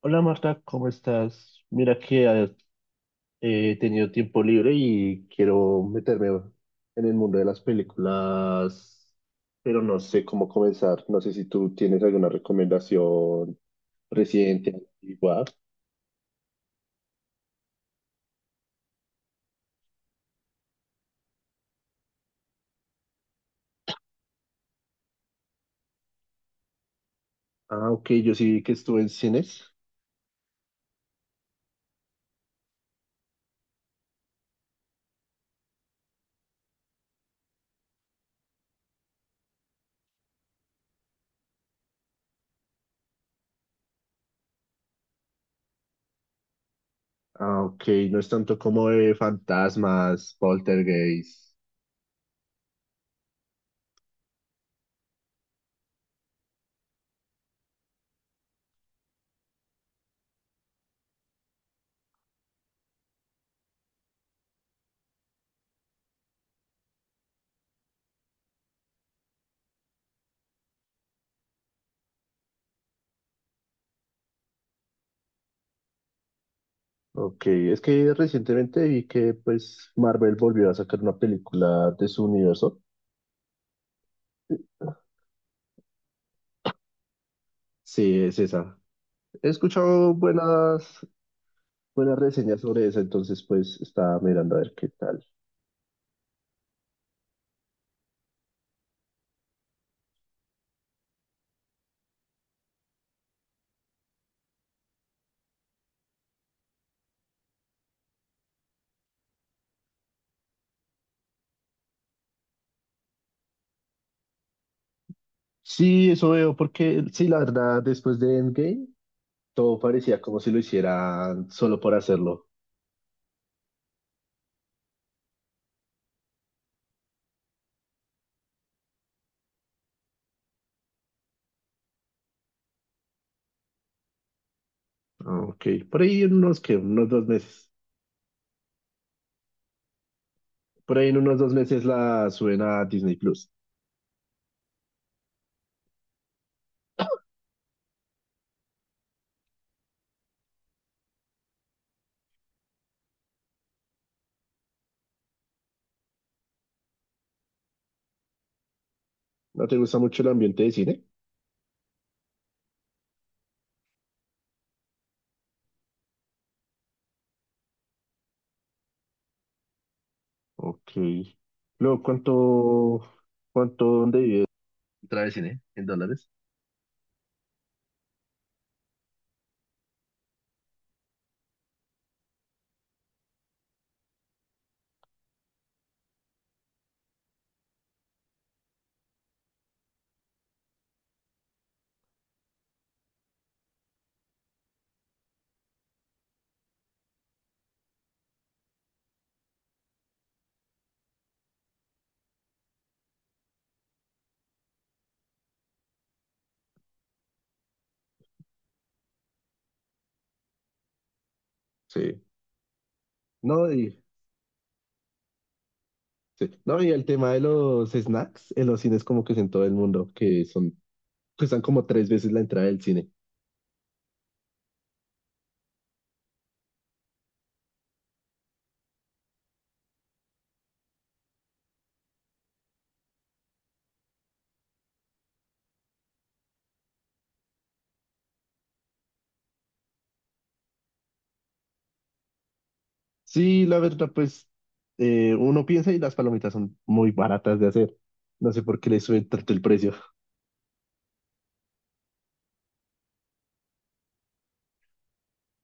Hola Marta, ¿cómo estás? Mira que he tenido tiempo libre y quiero meterme en el mundo de las películas, pero no sé cómo comenzar. No sé si tú tienes alguna recomendación reciente, antigua. Ah, ok, yo sí vi que estuve en cines. Ah, ok, no es tanto como de fantasmas, poltergeist. Ok, es que recientemente vi que pues Marvel volvió a sacar una película de su universo. Sí, es esa. He escuchado buenas reseñas sobre eso, entonces pues estaba mirando a ver qué tal. Sí, eso veo, porque sí, la verdad, después de Endgame, todo parecía como si lo hicieran solo por hacerlo. Ah, Ok, por ahí en unos, que Unos 2 meses. Por ahí en unos 2 meses la suben a Disney Plus. ¿No te gusta mucho el ambiente de cine? Ok. Luego, ¿cuánto, dónde vive? Otra vez, ¿eh? En dólares. Sí. No, y, sí. No, y el tema de los snacks en los cines como que es en todo el mundo, que son, cuestan como tres veces la entrada del cine. Sí, la verdad, pues uno piensa y las palomitas son muy baratas de hacer. No sé por qué le suben tanto el precio,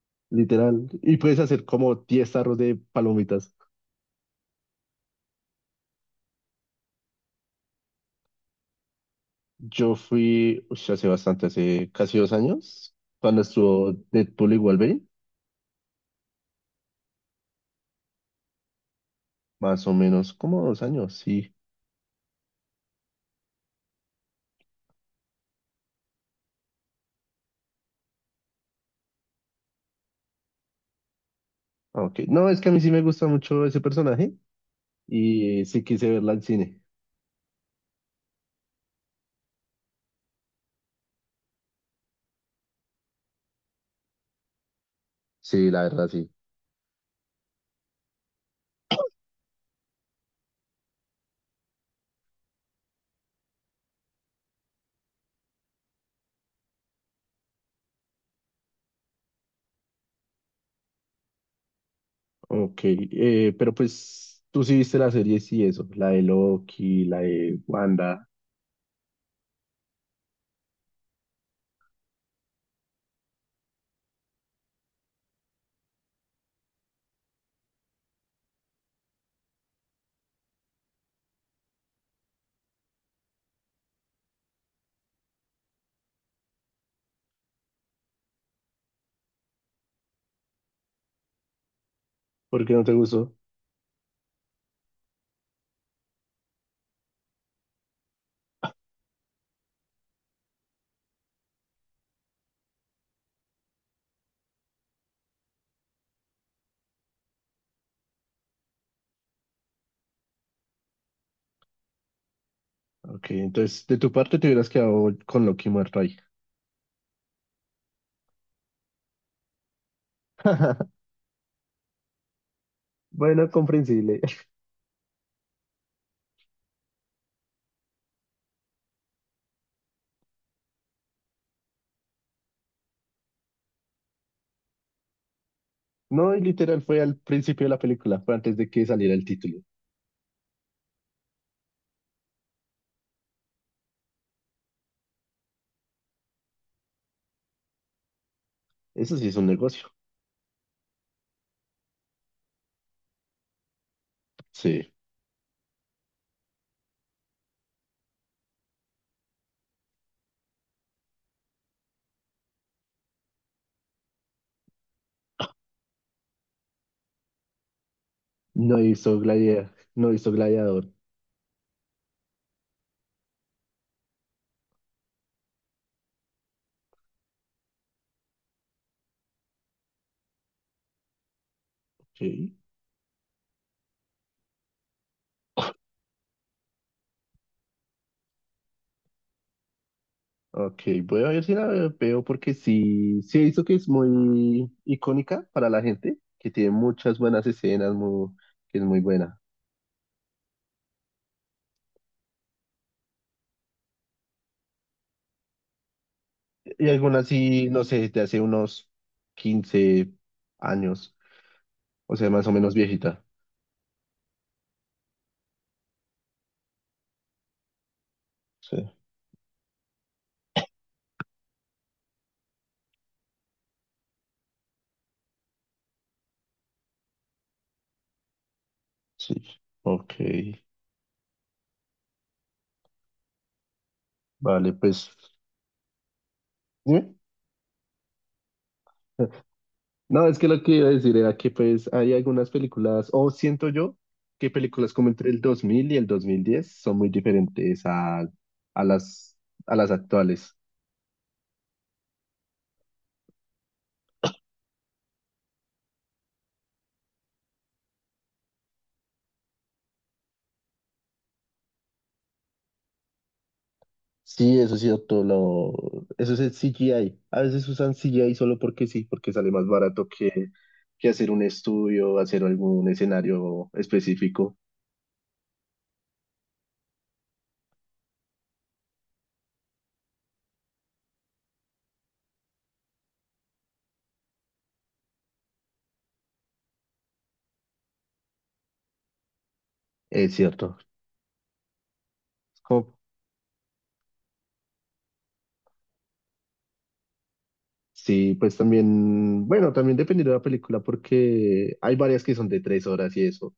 literal. Y puedes hacer como 10 tarros de palomitas. Yo fui, ush, hace bastante, hace casi 2 años, cuando estuvo Deadpool y Wolverine. Más o menos como 2 años, sí. Ah, Ok. No, es que a mí sí me gusta mucho ese personaje y sí quise verla al cine. Sí, la verdad, sí. Ok, pero pues tú sí viste la serie, sí, eso, la de Loki, la de Wanda, ¿por qué no te gustó? Ok, entonces de tu parte te hubieras quedado con Loki muerto ahí. Bueno, comprensible. No, y literal fue al principio de la película, fue antes de que saliera el título. Eso sí es un negocio. Sí. No hizo Gladiador, no hizo Gladiador. Ok. Ok, voy a ver si la veo porque sí, sí he visto que es muy icónica para la gente, que tiene muchas buenas escenas, que es muy buena. Y algunas sí, no sé, de hace unos 15 años, o sea, más o menos viejita. Sí, sí. Ok, vale, pues. Dime. No, es que lo que iba a decir era que pues hay algunas películas, o siento yo que películas como entre el 2000 y el 2010 son muy diferentes a, a las, a las actuales. Sí, eso es cierto, eso es el CGI. A veces usan CGI solo porque sí, porque sale más barato que hacer un estudio, hacer algún escenario específico. Es cierto. Es como- Sí, pues también, bueno, también dependiendo de la película, porque hay varias que son de 3 horas y eso.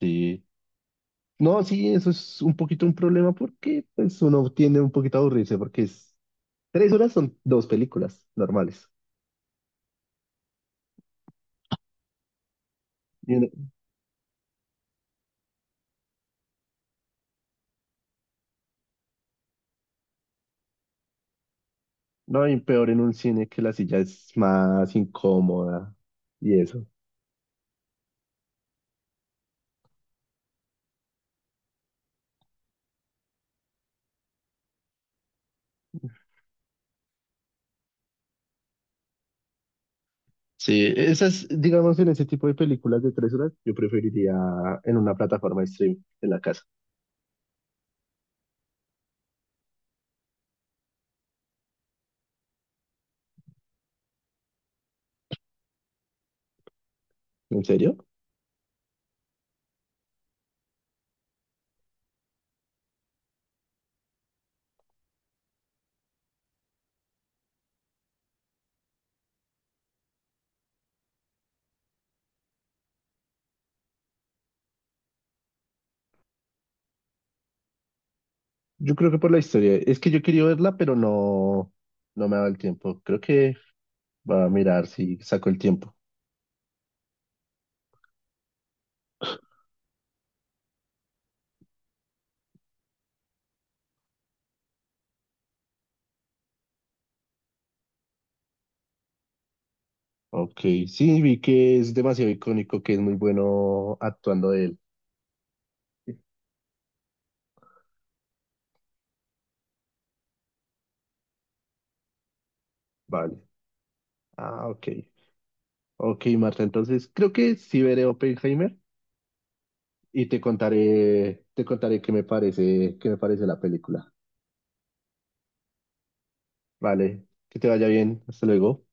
Sí. No, sí, eso es un poquito un problema porque pues, uno tiende un poquito a aburrirse, 3 horas son dos películas normales. No, y peor en un cine que la silla es más incómoda y eso. Sí, esas, digamos, en ese tipo de películas de 3 horas, yo preferiría en una plataforma de stream en la casa. ¿En serio? Yo creo que por la historia. Es que yo quería verla, pero no me ha dado el tiempo. Creo que va a mirar si saco el tiempo. Ok, sí, vi que es demasiado icónico, que es muy bueno actuando de él. Vale. Ah, ok. Ok, Marta, entonces creo que sí veré Oppenheimer. Y te contaré qué me parece la película. Vale, que te vaya bien. Hasta luego.